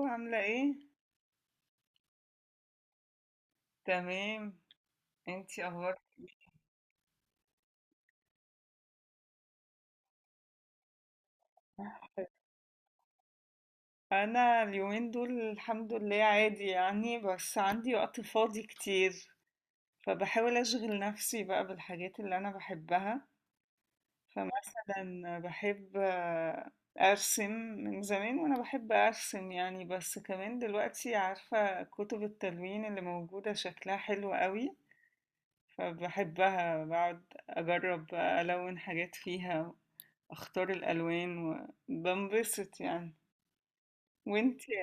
الو، عاملة ايه؟ تمام. انتي اخبارك إيه؟ انا اليومين دول الحمد لله عادي يعني، بس عندي وقت فاضي كتير، فبحاول اشغل نفسي بقى بالحاجات اللي انا بحبها. فمثلا بحب ارسم من زمان، وانا بحب ارسم يعني، بس كمان دلوقتي عارفة كتب التلوين اللي موجودة شكلها حلو قوي، فبحبها بقعد اجرب بقى الون حاجات فيها، اختار الالوان وبنبسط يعني. وانتي؟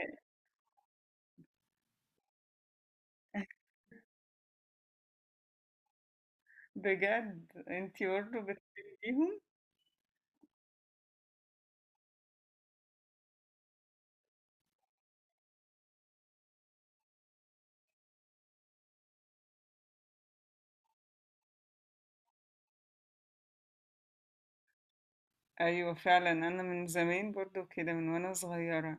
بجد انتي برضه بتحبيهم؟ ايوه فعلا، انا من زمان برضه كده من وانا صغيره.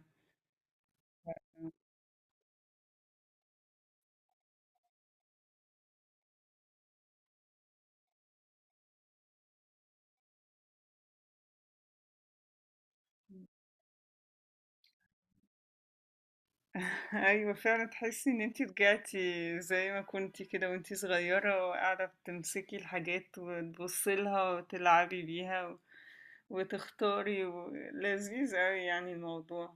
ايوه فعلا، تحسي ان انتي رجعتي زي ما كنتي كده وانتي صغيره، وقاعده بتمسكي الحاجات وتبصي لها وتلعبي بيها وتختاري، لذيذ اوي يعني الموضوع.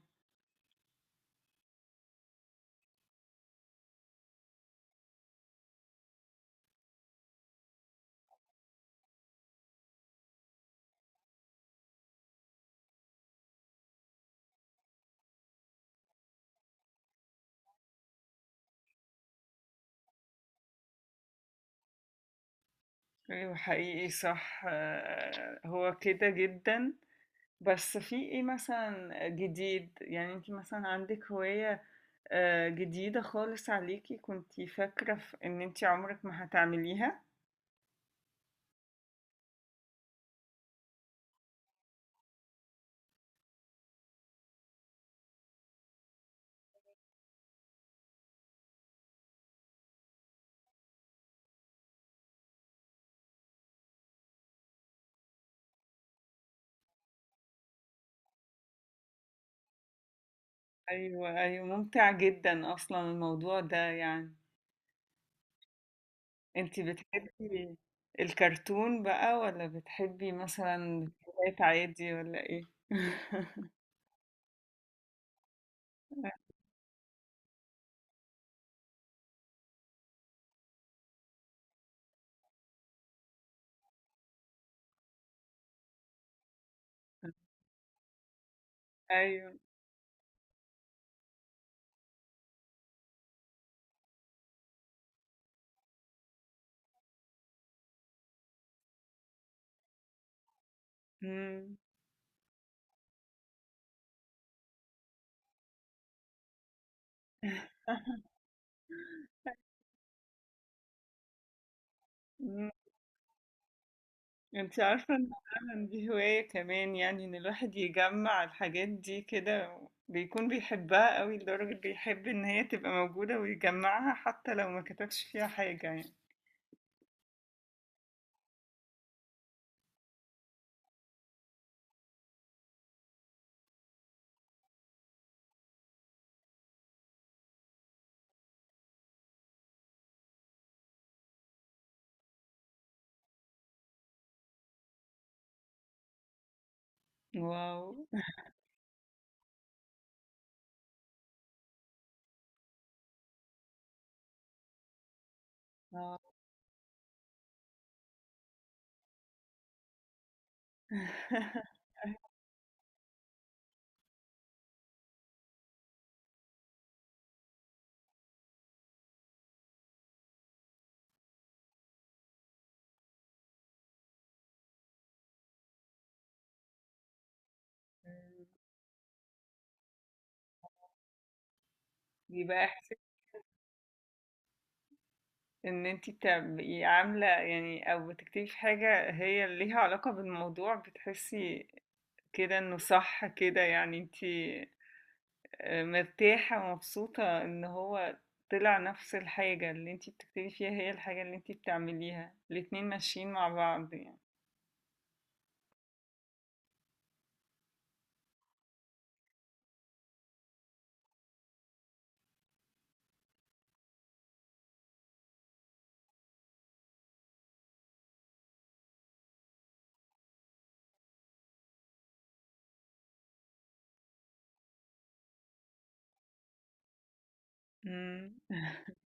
ايوه حقيقي صح، هو كده جدا. بس في ايه مثلا جديد يعني؟ انت مثلا عندك هواية جديدة خالص عليكي، كنتي فاكرة في ان انت عمرك ما هتعمليها؟ ايوه ايوه، ممتع جدا اصلا الموضوع ده يعني. انت بتحبي الكرتون بقى، ولا بتحبي مثلا روايات عادي، ولا ايه؟ ايوه. مم. انت عارفة ان فعلا دي هواية كمان، يعني ان الواحد يجمع الحاجات دي كده بيكون بيحبها قوي، لدرجة بيحب ان هي تبقى موجودة ويجمعها حتى لو ما كتبش فيها حاجة يعني. واو. اه. بيبقى احساس ان انت بتبقي عاملة يعني او بتكتبي في حاجة هي ليها علاقة بالموضوع، بتحسي كده انه صح كده، يعني انت مرتاحة ومبسوطة ان هو طلع نفس الحاجة. اللي انتي بتكتبي فيها هي الحاجة اللي انتي بتعمليها، الاتنين ماشيين مع بعض يعني. مم.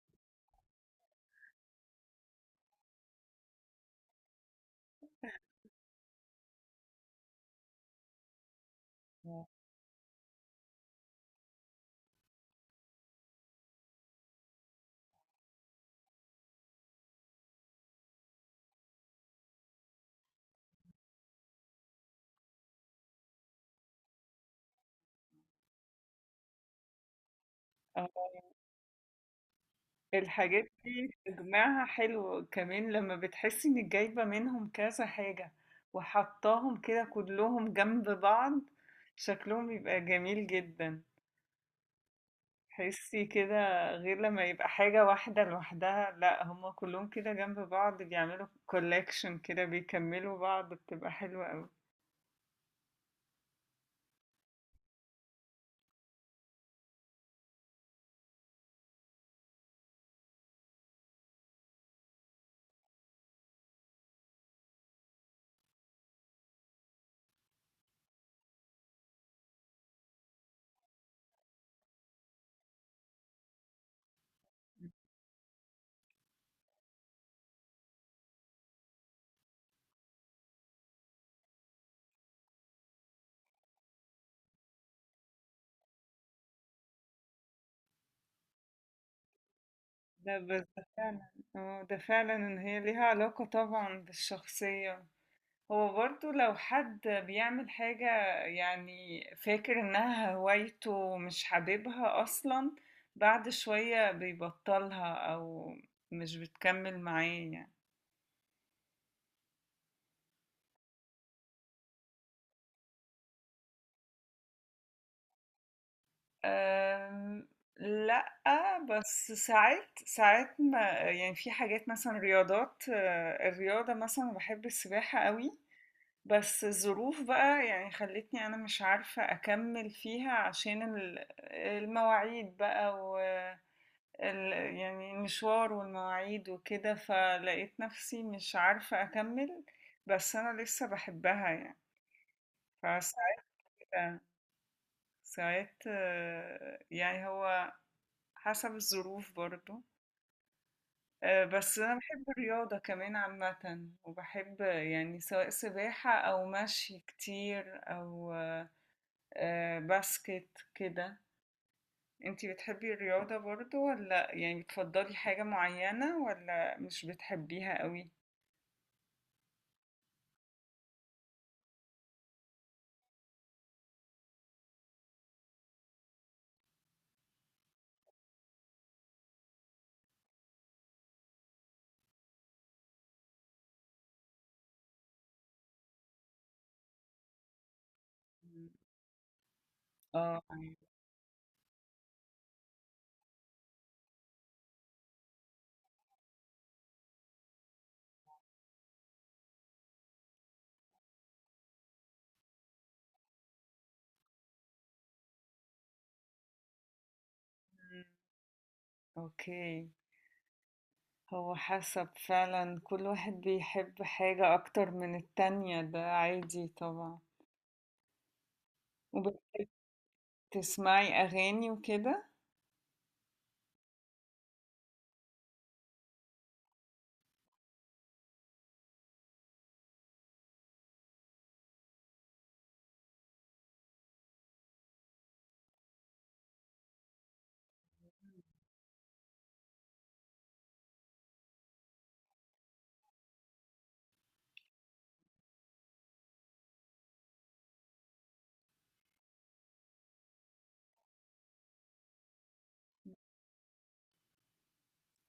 اه الحاجات دي تجمعها حلو كمان، لما بتحسي انك جايبة منهم كذا حاجة وحطاهم كده كلهم جنب بعض، شكلهم بيبقى جميل جدا. تحسي كده غير لما يبقى حاجة واحدة لوحدها، لا هما كلهم كده جنب بعض بيعملوا كولكشن كده، بيكملوا بعض، بتبقى حلوة أوي. لا بس ده فعلا، اه ده فعلا ان هي ليها علاقة طبعا بالشخصية. هو برضو لو حد بيعمل حاجة يعني فاكر انها هوايته ومش حاببها اصلا، بعد شوية بيبطلها او مش بتكمل معاه يعني. آمم، لأ، بس ساعات ساعات ما يعني في حاجات مثلًا رياضات، الرياضة مثلًا باحب السباحة أوي، بس الظروف بقى يعني خلّتني أنا مش عارفة أكمّل فيها، عشان ال المواعيد بقى، و ال يعني المشوار والمواعيد وكده، فلقيت نَفْسي مش عارفة أكمّل، بس أنا لسه باحبها يعني، فساعات ساعات آه، يعني هو حسب الظروف برضو. بس أنا بحب الرياضة كمان عامة، وبحب يعني سواء سباحة أو مشي كتير أو باسكت كده. انتي بتحبي الرياضة برضو، ولا يعني بتفضلي حاجة معينة، ولا مش بتحبيها قوي؟ مم. اه أيوة. مم. اوكي. هو حسب فعلا، كل واحد بيحب حاجة أكتر من التانية، ده عادي طبعا. وبتسمعي أغاني وكده؟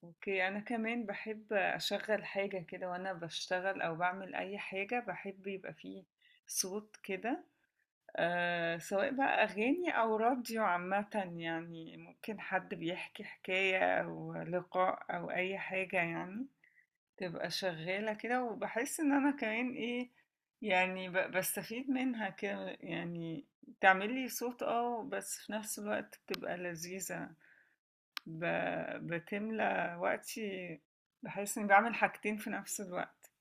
أوكي، أنا كمان باحب أشغّل حاجة كده وأنا باشتغل أو باعمل أي حاجة، باحب يبقى في صوت كده، سواء بقى أغاني أو راديو عامةً يعني، ممكن حد بيحكي حكاية أو لقاء أو أي حاجة يعني، تبقى شغّالة كده وباحس إن أنا كمان إيه، يعني باستفيد منها كده، يعني تعمل لي صوت، بس في نفس الوقت بتبقى لذيذة. ب... بتملى وقتي، بحس اني بعمل حاجتين في نفس الوقت.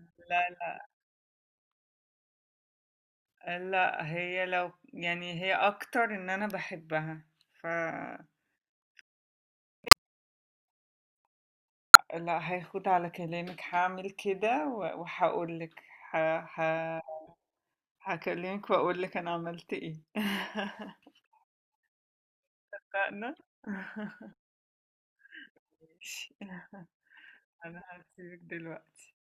لا لا، هي لو يعني، هي اكتر ان انا بحبها. ف لا هاخد على كلامك، هعمل كده وهقولك، ه... ه... هكلمك واقولك انا عملت ايه. اتفقنا. ماشي، انا هسيبك دلوقتي.